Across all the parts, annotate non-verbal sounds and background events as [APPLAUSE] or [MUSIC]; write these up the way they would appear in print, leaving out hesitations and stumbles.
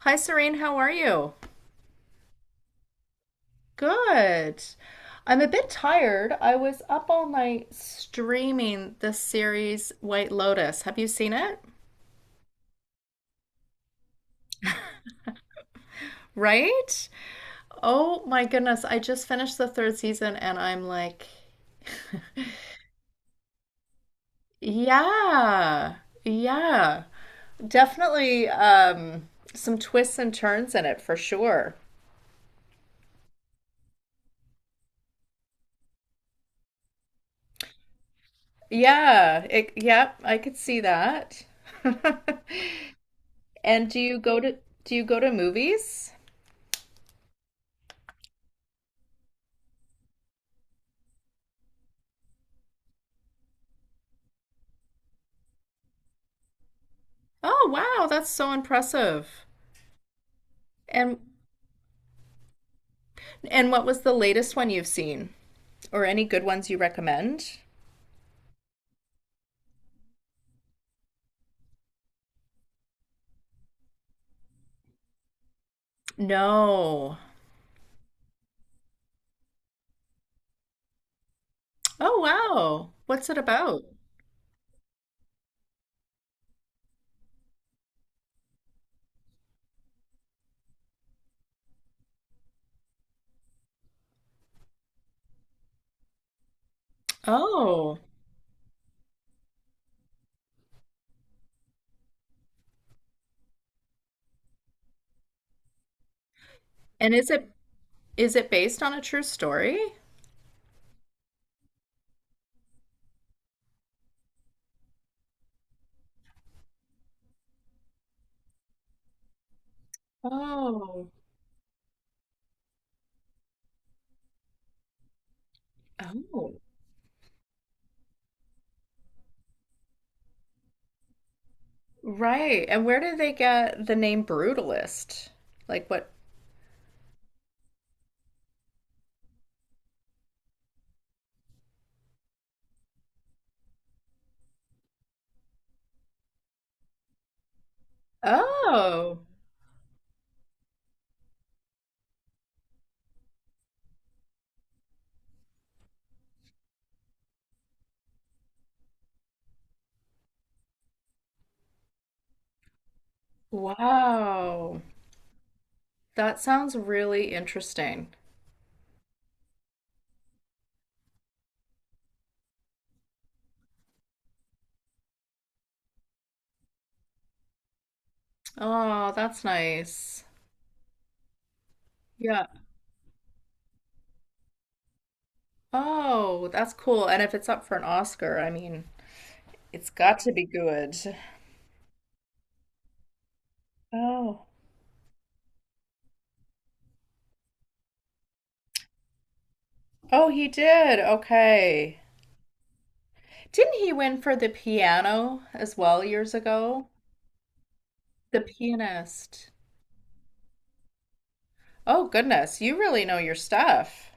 Hi, Serene. How are you? Good. I'm a bit tired. I was up all night streaming the series White Lotus. Have you seen it? Right? Oh my goodness. I just finished the third season and I'm like, [LAUGHS] yeah, yeah. Definitely some twists and turns in it for sure. Yeah, it, yep, I could see that. [LAUGHS] And do you go to movies? Oh, wow, that's so impressive. And what was the latest one you've seen? Or any good ones you recommend? No. Oh, wow. What's it about? Oh. And is it based on a true story? Oh. Oh. Right. And where did they get the name Brutalist? Like what? Oh. Wow. That sounds really interesting. Oh, that's nice. Yeah. Oh, that's cool. And if it's up for an Oscar, I mean, it's got to be good. Oh. Oh, he did. Okay. Didn't he win for the piano as well years ago? The pianist. Oh, goodness. You really know your stuff.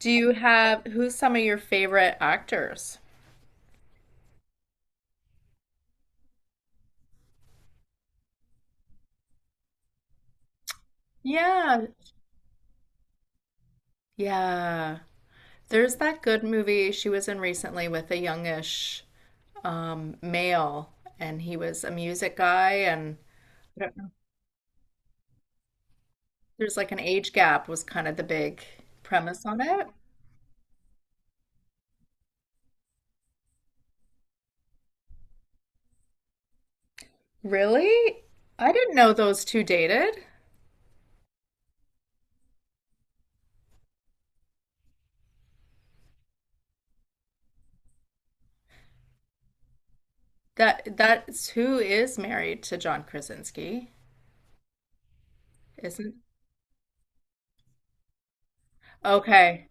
Do you have who's some of your favorite actors? Yeah. Yeah. There's that good movie she was in recently with a youngish male and he was a music guy and There's like an age gap was kind of the big premise on it. Really? I didn't know those two dated. That's who is married to John Krasinski, isn't? Okay.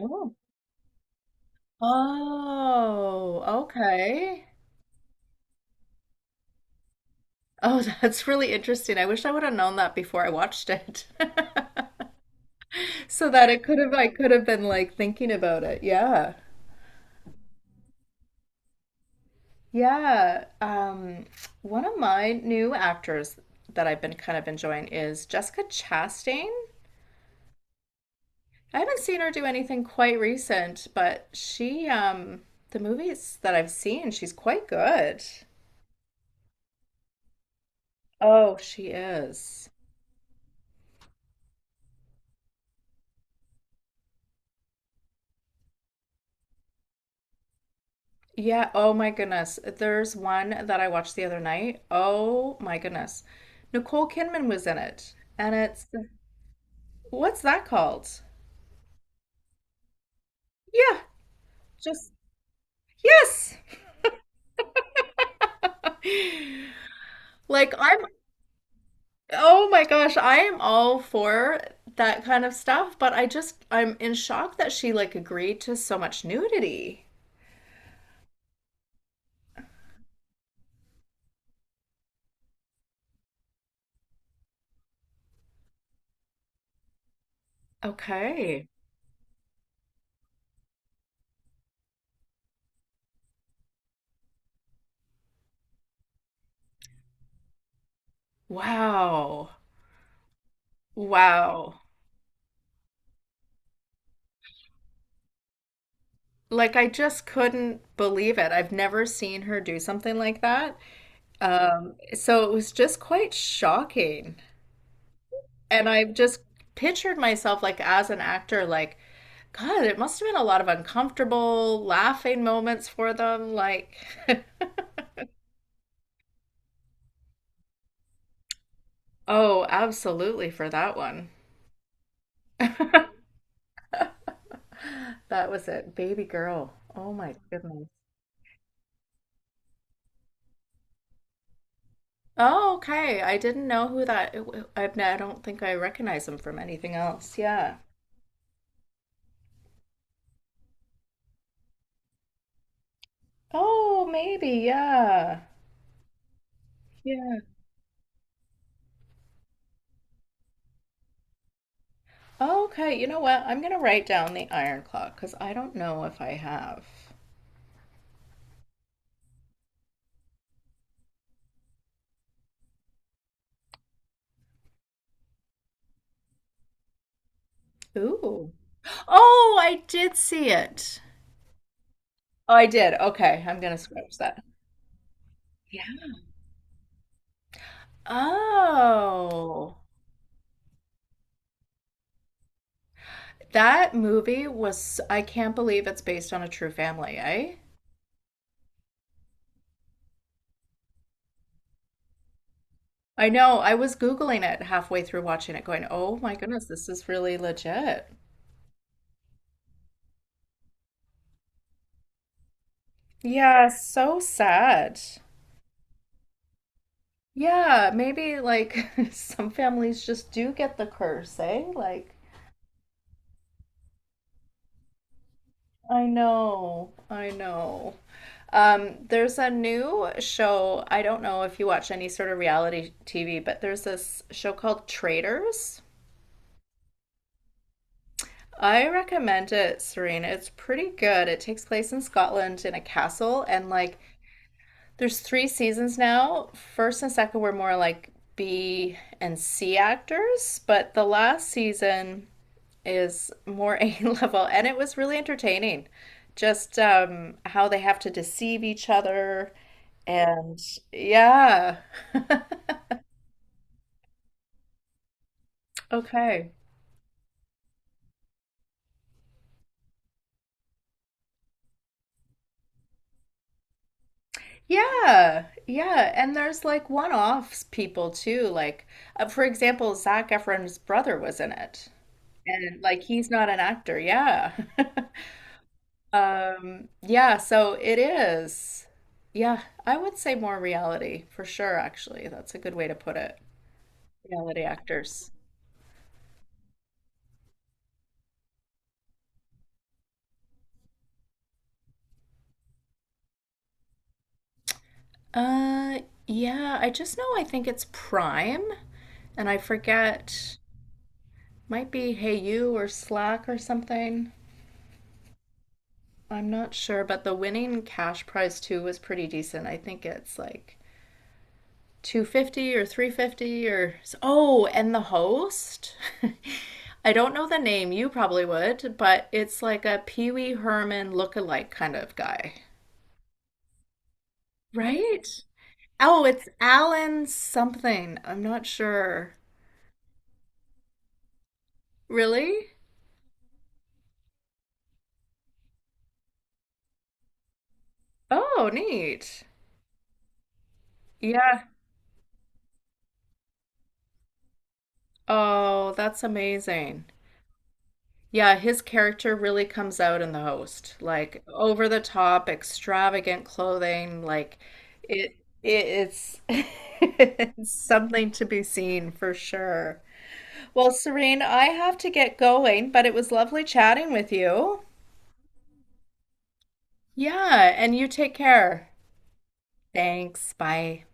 Oh. Oh, okay. Oh, [LAUGHS] that's really interesting. I wish I would have known that before I watched it. [LAUGHS] So that it could have I could have been like thinking about it. Yeah. Yeah, one of my new actors that I've been kind of enjoying is Jessica Chastain. I haven't seen her do anything quite recent, but she, the movies that I've seen, she's quite good. Oh, she is. Yeah, oh my goodness. There's one that I watched the other night. Oh my goodness. Nicole Kidman was in it. And it's, what's that called? Yeah, just, yes. [LAUGHS] Like I'm oh my gosh, I am all for that kind of stuff, but I just I'm in shock that she like agreed to so much nudity. Okay. Wow. Wow. Like I just couldn't believe it. I've never seen her do something like that. So it was just quite shocking. And I've just pictured myself like as an actor, like, God, it must have been a lot of uncomfortable laughing moments for them. Like, [LAUGHS] Oh, absolutely for that one. That was it. Baby girl. Oh my goodness. Oh, okay. I didn't know who that. I don't think I recognize him from anything else. Yeah. Oh, maybe. Yeah. Yeah. Okay. You know what? I'm gonna write down the Iron Clock because I don't know if I have. Ooh. Oh, I did see it. Oh, I did. Okay. I'm gonna scratch that. Yeah. Oh. That movie was, I can't believe it's based on a true family, eh? I know. I was Googling it halfway through watching it, going, oh my goodness, this is really legit. Yeah, so sad. Yeah, maybe like [LAUGHS] some families just do get the curse, eh? Like, I know, I know. There's a new show. I don't know if you watch any sort of reality TV, but there's this show called Traitors. I recommend it, Serena. It's pretty good. It takes place in Scotland in a castle, and like there's three seasons now. First and second were more like B and C actors, but the last season is more [LAUGHS] A level, and it was really entertaining. Just how they have to deceive each other, and yeah. [LAUGHS] Okay. Yeah, yeah, and there's like one-offs people too. Like, for example, Zac Efron's brother was in it, and like he's not an actor. Yeah, [LAUGHS] yeah. So it is. Yeah, I would say more reality for sure. Actually, that's a good way to put it. Reality actors. Uh, yeah. I just know. I think it's Prime, and I forget. Might be Hey You or Slack or something. I'm not sure, but the winning cash prize too was pretty decent. I think it's like 250 or 350 or oh, and the host. [LAUGHS] I don't know the name, you probably would, but it's like a Pee Wee Herman look-alike kind of guy. Right? Oh, it's Alan something. I'm not sure. Really? Oh, neat. Yeah. Oh, that's amazing. Yeah, his character really comes out in the host. Like over the top, extravagant clothing, like it, it's [LAUGHS] it's something to be seen for sure. Well, Serene, I have to get going, but it was lovely chatting with you. Yeah, and you take care. Thanks. Bye.